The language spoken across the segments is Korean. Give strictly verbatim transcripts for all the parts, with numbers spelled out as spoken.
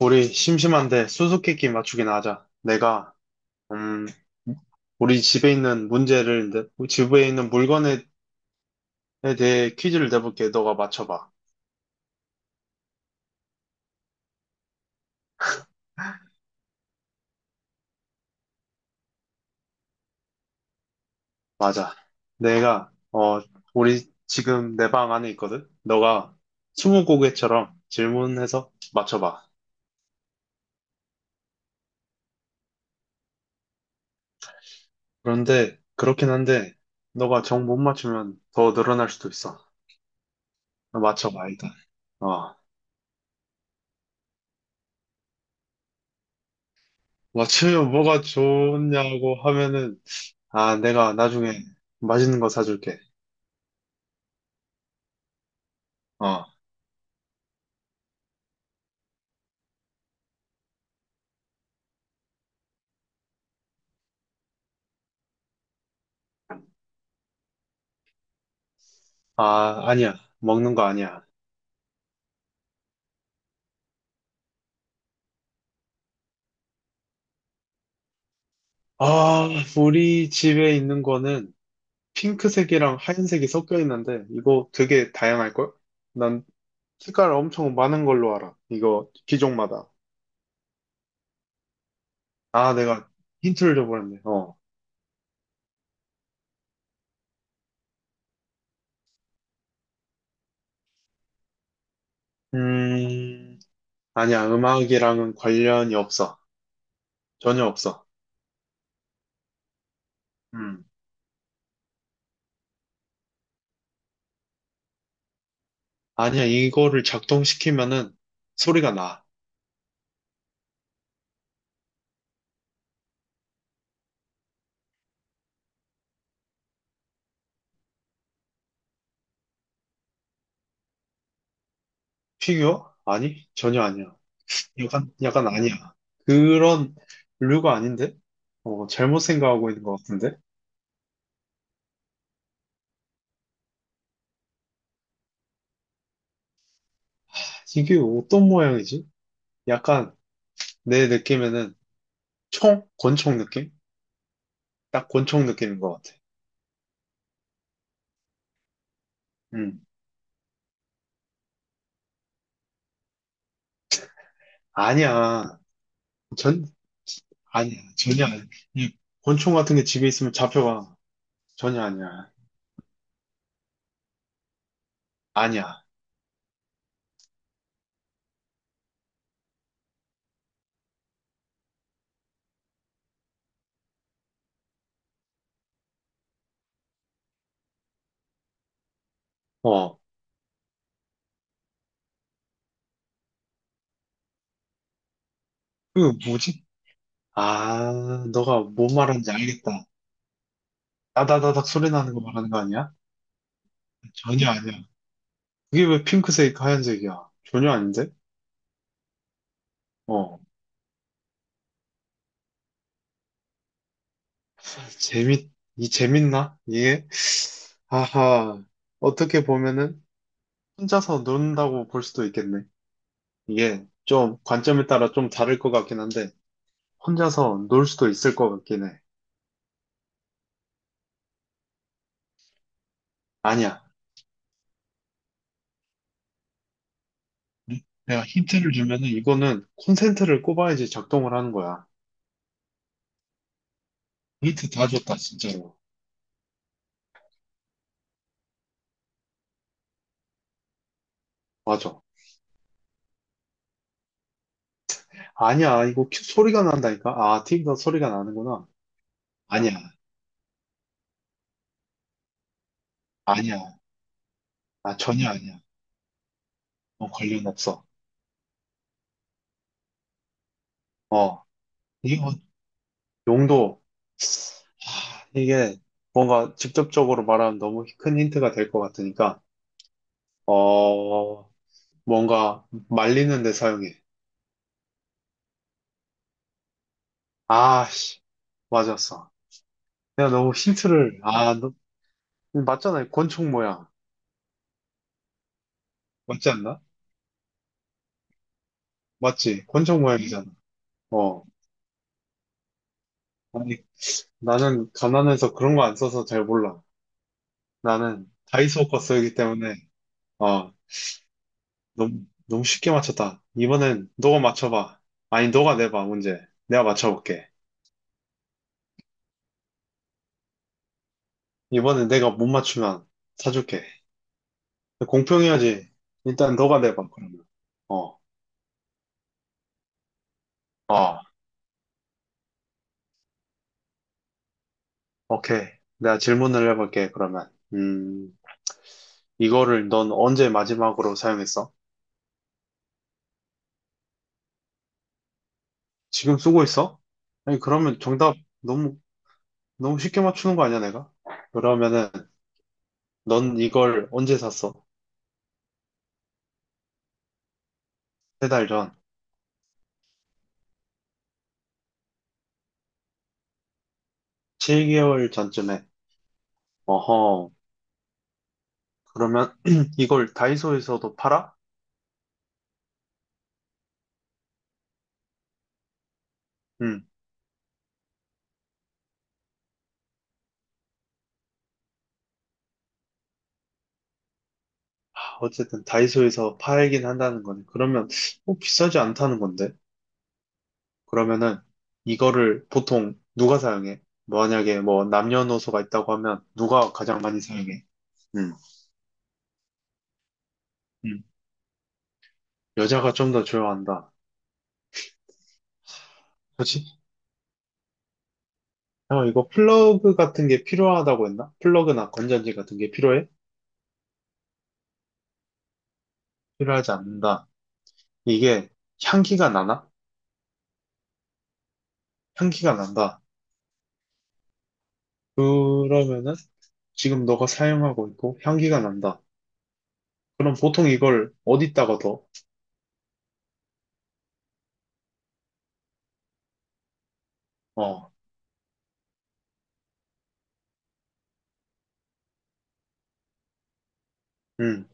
우리 심심한데 수수께끼 맞추기나 하자. 내가 음 우리 집에 있는 문제를 내- 집에 있는 물건에 에 대해 퀴즈를 내볼게. 너가 맞춰봐. 맞아. 내가 어 우리 지금 내 방 안에 있거든. 너가 스무고개처럼 질문해서 맞춰봐. 그런데 그렇긴 한데 너가 정 못 맞추면 더 늘어날 수도 있어. 맞춰봐 일단. 어 맞추면 뭐가 좋냐고 하면은 아 내가 나중에 맛있는 거 사줄게. 어, 아, 아니야. 먹는 거 아니야. 아, 우리 집에 있는 거는 핑크색이랑 하얀색이 섞여 있는데, 이거 되게 다양할걸? 난 색깔 엄청 많은 걸로 알아. 이거 기종마다. 아, 내가 힌트를 줘버렸네. 어. 음, 아니야. 음악이랑은 관련이 없어. 전혀 없어. 음. 아니야. 이거를 작동시키면은 소리가 나. 피규어? 아니, 전혀 아니야. 약간, 약간 아니야. 그런 류가 아닌데? 어, 잘못 생각하고 있는 것 같은데? 이게 어떤 모양이지? 약간 내 느낌에는 총? 권총 느낌? 딱 권총 느낌인 것 같아. 음. 아니야. 전, 아니야. 전혀 아니야. 이 권총 같은 게 집에 있으면 잡혀가. 전혀 아니야. 아니야. 어. 그 뭐지? 아, 너가 뭔 말하는지 알겠다. 따다다닥 소리 나는 거 말하는 거 아니야? 전혀 아니야. 그게 왜 핑크색, 하얀색이야? 전혀 아닌데? 어. 재밌, 이 재밌나? 이게? 아하, 어떻게 보면은 혼자서 논다고 볼 수도 있겠네. 이게 좀 관점에 따라 좀 다를 것 같긴 한데, 혼자서 놀 수도 있을 것 같긴 해. 아니야. 내가 힌트를 주면은 이거는 콘센트를 꼽아야지 작동을 하는 거야. 힌트 다 줬다, 진짜로. 맞아. 아니야, 이거 큐- 소리가 난다니까? 아, 티비가 소리가 나는구나. 아니야, 아니야. 아, 전혀 아니야. 어, 관련 없어. 어, 이거 용도. 이게 뭔가 직접적으로 말하면 너무 큰 힌트가 될 것 같으니까, 어, 뭔가 말리는 데 사용해. 아, 씨, 맞았어. 내가 너무 힌트를, 아, 너, 맞잖아. 권총 모양. 맞지 않나? 맞지? 권총 모양이잖아. 어. 아니, 나는 가난해서 그런 거 안 써서 잘 몰라. 나는 다이소 거 쓰기 때문에, 어, 너무, 너무 쉽게 맞췄다. 이번엔 너가 맞춰봐. 아니, 너가 내봐, 문제. 내가 맞춰볼게. 이번에 내가 못 맞추면 사줄게. 공평해야지. 일단 너가 내봐, 그러면. 어, 어, 오케이. 내가 질문을 해볼게, 그러면. 음, 이거를 넌 언제 마지막으로 사용했어? 지금 쓰고 있어? 아니, 그러면 정답 너무, 너무 쉽게 맞추는 거 아니야, 내가? 그러면은, 넌 이걸 언제 샀어? 세 달 전. 칠 개월 전쯤에. 어허. 그러면 이걸 다이소에서도 팔아? 음. 어쨌든 다이소에서 팔긴 한다는 거네. 그러면 뭐 비싸지 않다는 건데. 그러면은 이거를 보통 누가 사용해? 만약에 뭐 남녀노소가 있다고 하면 누가 가장 많이 사용해? 음. 음. 여자가 좀 더 좋아한다. 그렇지? 어, 이거 플러그 같은 게 필요하다고 했나? 플러그나 건전지 같은 게 필요해? 필요하지 않는다. 이게 향기가 나나? 향기가 난다. 그러면은 지금 너가 사용하고 있고 향기가 난다. 그럼 보통 이걸 어디다가 더? 어. 음.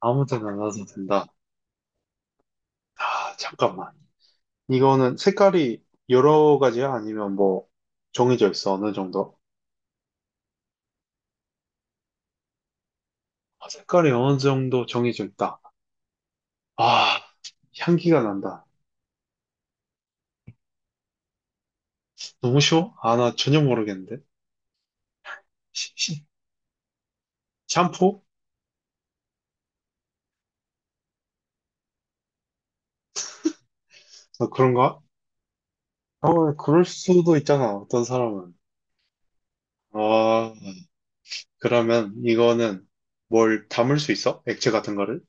아무 데나 놔도 된다. 아, 잠깐만. 이거는 색깔이 여러 가지야? 아니면 뭐 정해져 있어? 어느 정도? 아, 색깔이 어느 정도 정해져 있다. 아, 향기가 난다. 너무 쉬워? 아, 나 전혀 모르겠는데. 시- 시- 샴푸? 어, 그런가? 어, 그럴 수도 있잖아. 어떤 사람은. 아, 그러면 이거는 뭘 담을 수 있어? 액체 같은 거를?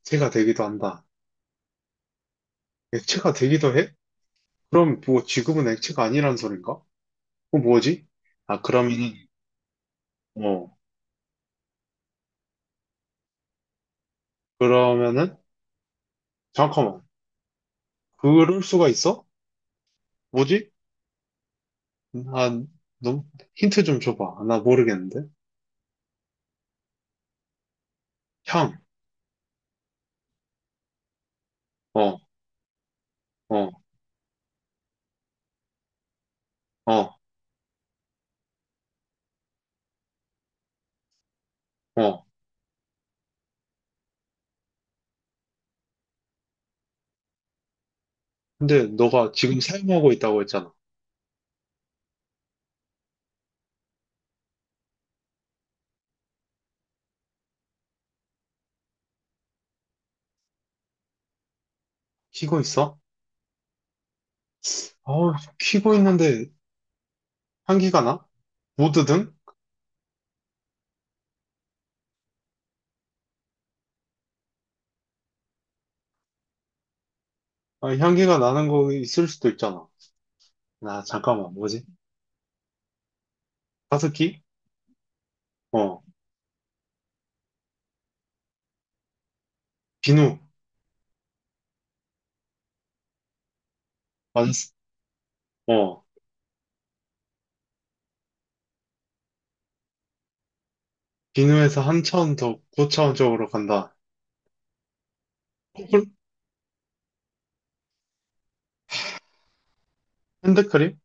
액체가 되기도 한다. 액체가 되기도 해? 그럼 뭐 지금은 액체가 아니란 소린가? 어, 뭐지? 아, 그러면은, 어, 그러면은, 잠깐만. 그럴 수가 있어? 뭐지? 아, 너무, 힌트 좀 줘봐. 나 모르겠는데? 향, 어, 어, 어, 어. 근데 너가 지금 사용하고 있다고 했잖아. 키고 있어? 어, 키고 있는데 향기가 나? 모드등? 아, 향기가 나는 거 있을 수도 있잖아. 아, 잠깐만. 뭐지? 가습기? 어, 비누. 완, 어, 비누에서 한참 더 고차원적으로 간다. 콜? 핸드크림?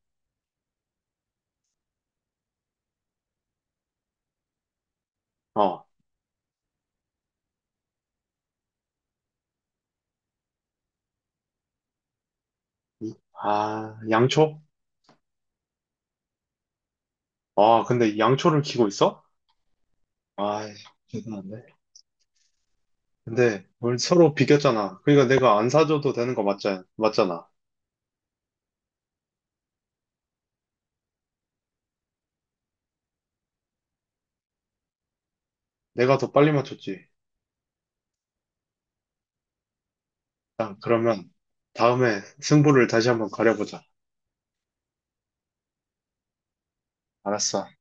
어. 아, 양초? 아, 근데 양초를 키고 있어? 아, 대단한데. 근데 우리 서로 비겼잖아. 그러니까 내가 안 사줘도 되는 거 맞자, 맞잖아. 내가 더 빨리 맞췄지. 일 그러면 다음에 승부를 다시 한번 가려보자. 알았어.